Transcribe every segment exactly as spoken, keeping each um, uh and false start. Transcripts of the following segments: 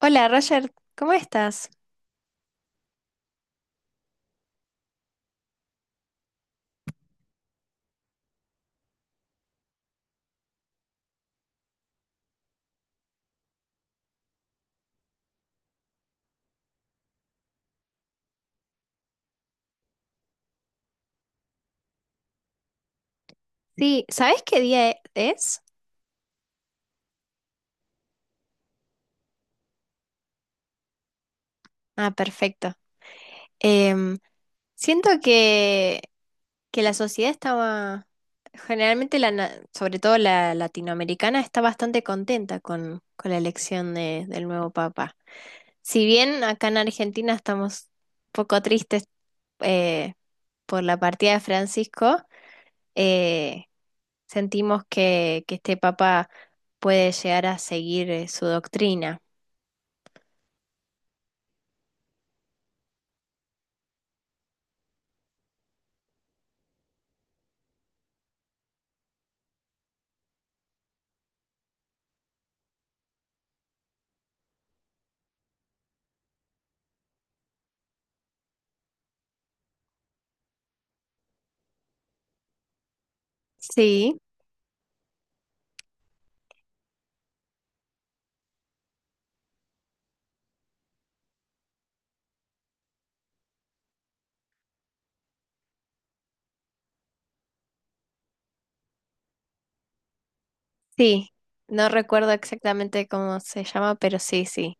Hola Roger, ¿cómo estás? Sí, ¿sabes qué día e- es? Ah, perfecto. Em, Siento que, que la sociedad estaba, generalmente, la, na- sobre todo la latinoamericana, está bastante contenta con, con la elección de- del nuevo papa. Si bien acá en Argentina estamos un poco tristes eh, por la partida de Francisco, eh, sentimos que, que este papa puede llegar a seguir eh, su doctrina. Sí, sí. No recuerdo exactamente cómo se llama, pero sí, sí.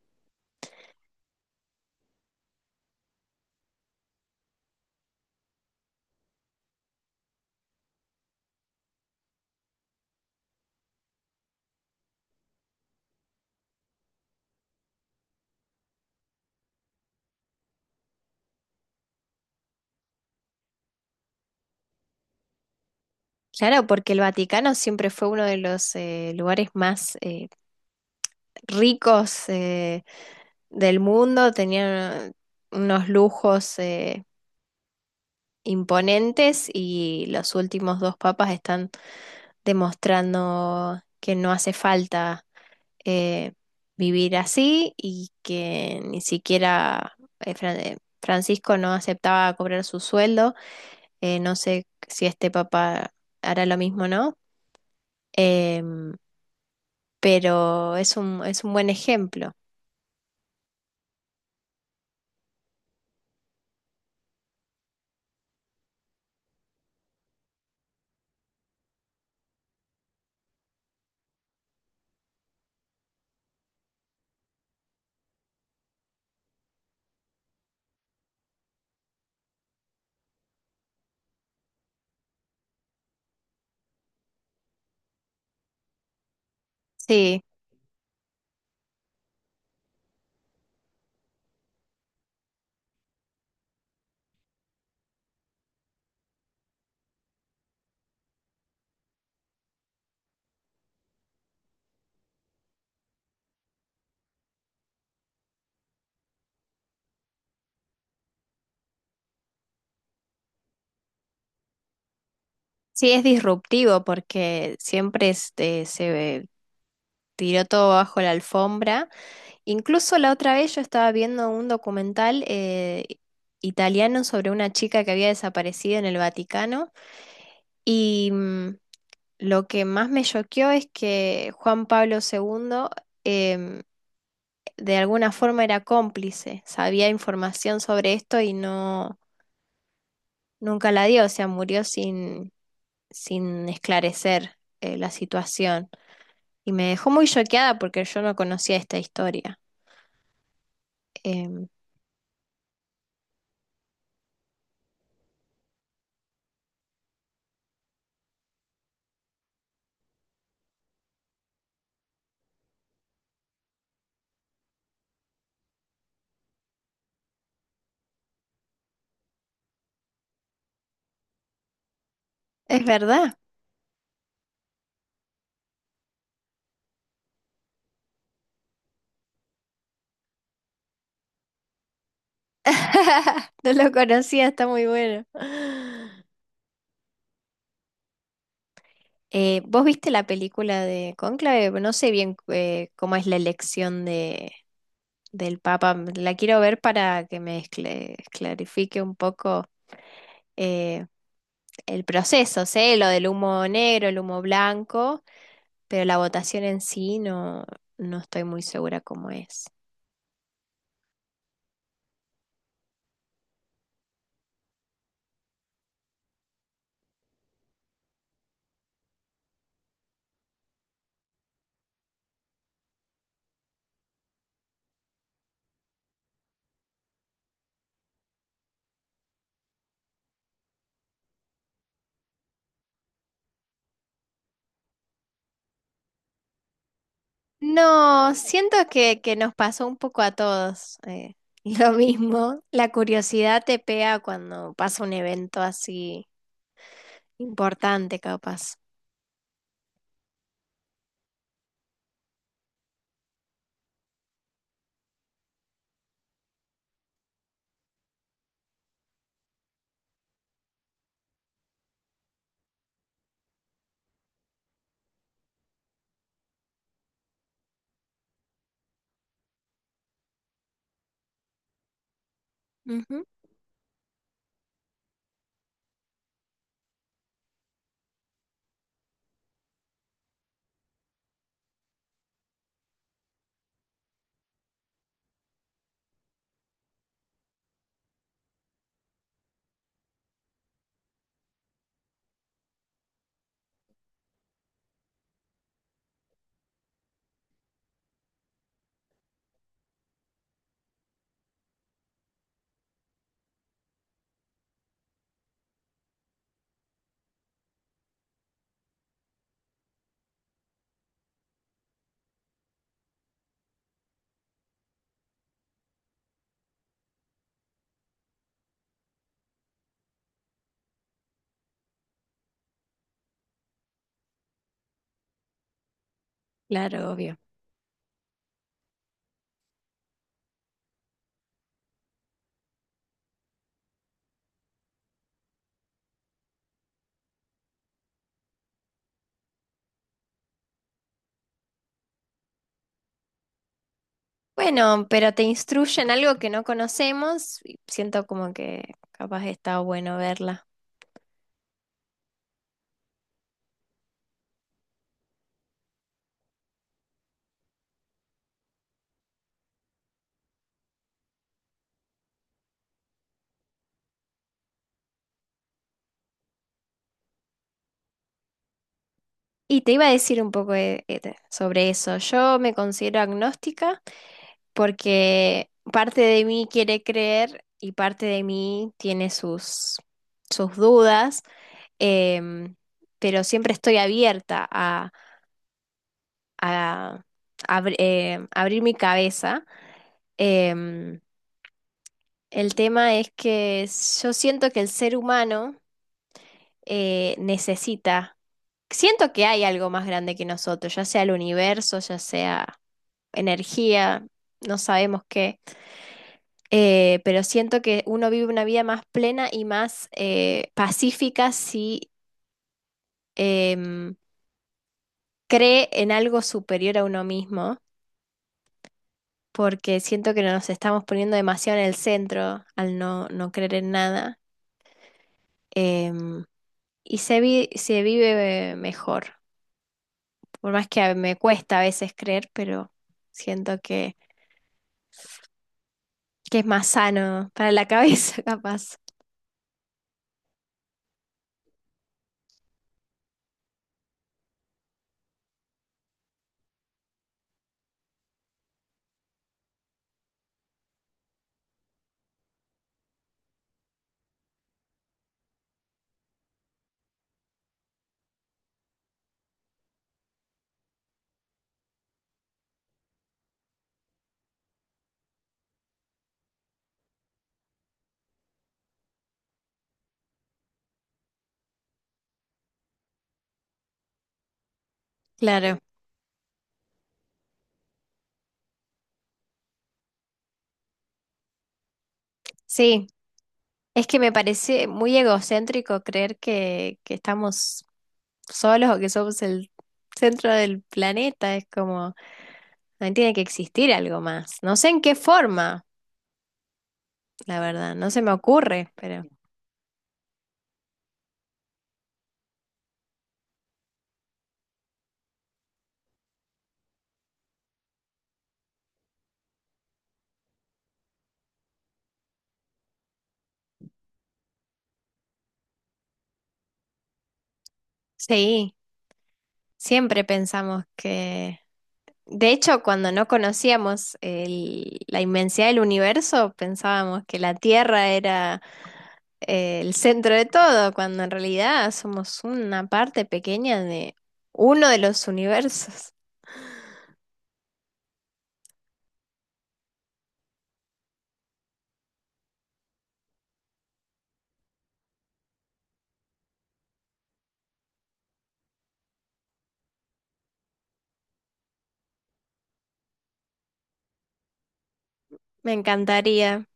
Claro, porque el Vaticano siempre fue uno de los eh, lugares más eh, ricos eh, del mundo, tenían unos lujos eh, imponentes, y los últimos dos papas están demostrando que no hace falta eh, vivir así, y que ni siquiera eh, Fran- eh, Francisco no aceptaba cobrar su sueldo. Eh, no sé si este papá hará lo mismo, ¿no? Em, pero es un, es un buen ejemplo. Sí, sí es disruptivo porque siempre este, se tiró todo bajo la alfombra. Incluso la otra vez yo estaba viendo un documental eh, italiano sobre una chica que había desaparecido en el Vaticano y mm, lo que más me choqueó es que Juan Pablo segundo em, de alguna forma era cómplice, sabía información sobre esto y no, nunca la dio, o sea, murió sin, sin esclarecer eh, la situación. Y me dejó muy choqueada porque yo no conocía esta historia. Em, es verdad. No lo conocía, está muy bueno. Eh, ¿vos viste la película de Cónclave? No sé bien eh, cómo es la elección de, del Papa. La quiero ver para que me escle- clarifique un poco eh, el proceso, sé lo del humo negro, el humo blanco, pero la votación en sí no, no estoy muy segura cómo es. No, siento que, que nos pasó un poco a todos eh, lo mismo. La curiosidad te pega cuando pasa un evento así importante, capaz. Ujú. Claro, obvio. Bueno, pero te instruyen algo que no conocemos, y siento como que capaz está bueno verla. Y te iba a decir un poco de- eh, de- sobre eso. Yo me considero agnóstica porque parte de mí quiere creer y parte de mí tiene sus, sus dudas. em, pero siempre estoy abierta a, a abri- em, abrir mi cabeza. Em, el tema es que yo siento que el ser humano eh, necesita. Siento que hay algo más grande que nosotros, ya sea el universo, ya sea energía, no sabemos qué, eh, pero siento que uno vive una vida más plena y más eh, pacífica si em, cree en algo superior a uno mismo, porque siento que nos estamos poniendo demasiado en el centro al no, no creer en nada. em, y se vi- se vive mejor. Por más que a- me cuesta a veces creer, pero siento que, que es más sano para la cabeza, capaz. Claro, sí, es que me parece muy egocéntrico creer que, que estamos solos, o que somos el centro del planeta, es como, no tiene que existir algo más. No sé en qué forma, la verdad, no se me ocurre, pero sí, siempre pensamos que... De hecho, cuando no conocíamos el- la inmensidad del universo, pensábamos que la Tierra era eh, el centro de todo, cuando en realidad somos una parte pequeña de uno de los universos. Me encantaría,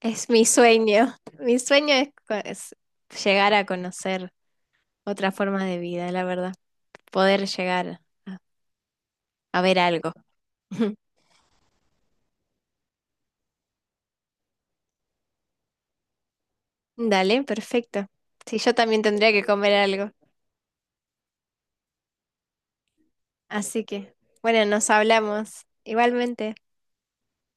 es mi sueño. Mi sueño es, co- es llegar a conocer otra forma de vida, la verdad, poder llegar a, a ver algo. Dale, perfecto. Sí, yo también tendría que comer algo. Así que, bueno, nos hablamos igualmente.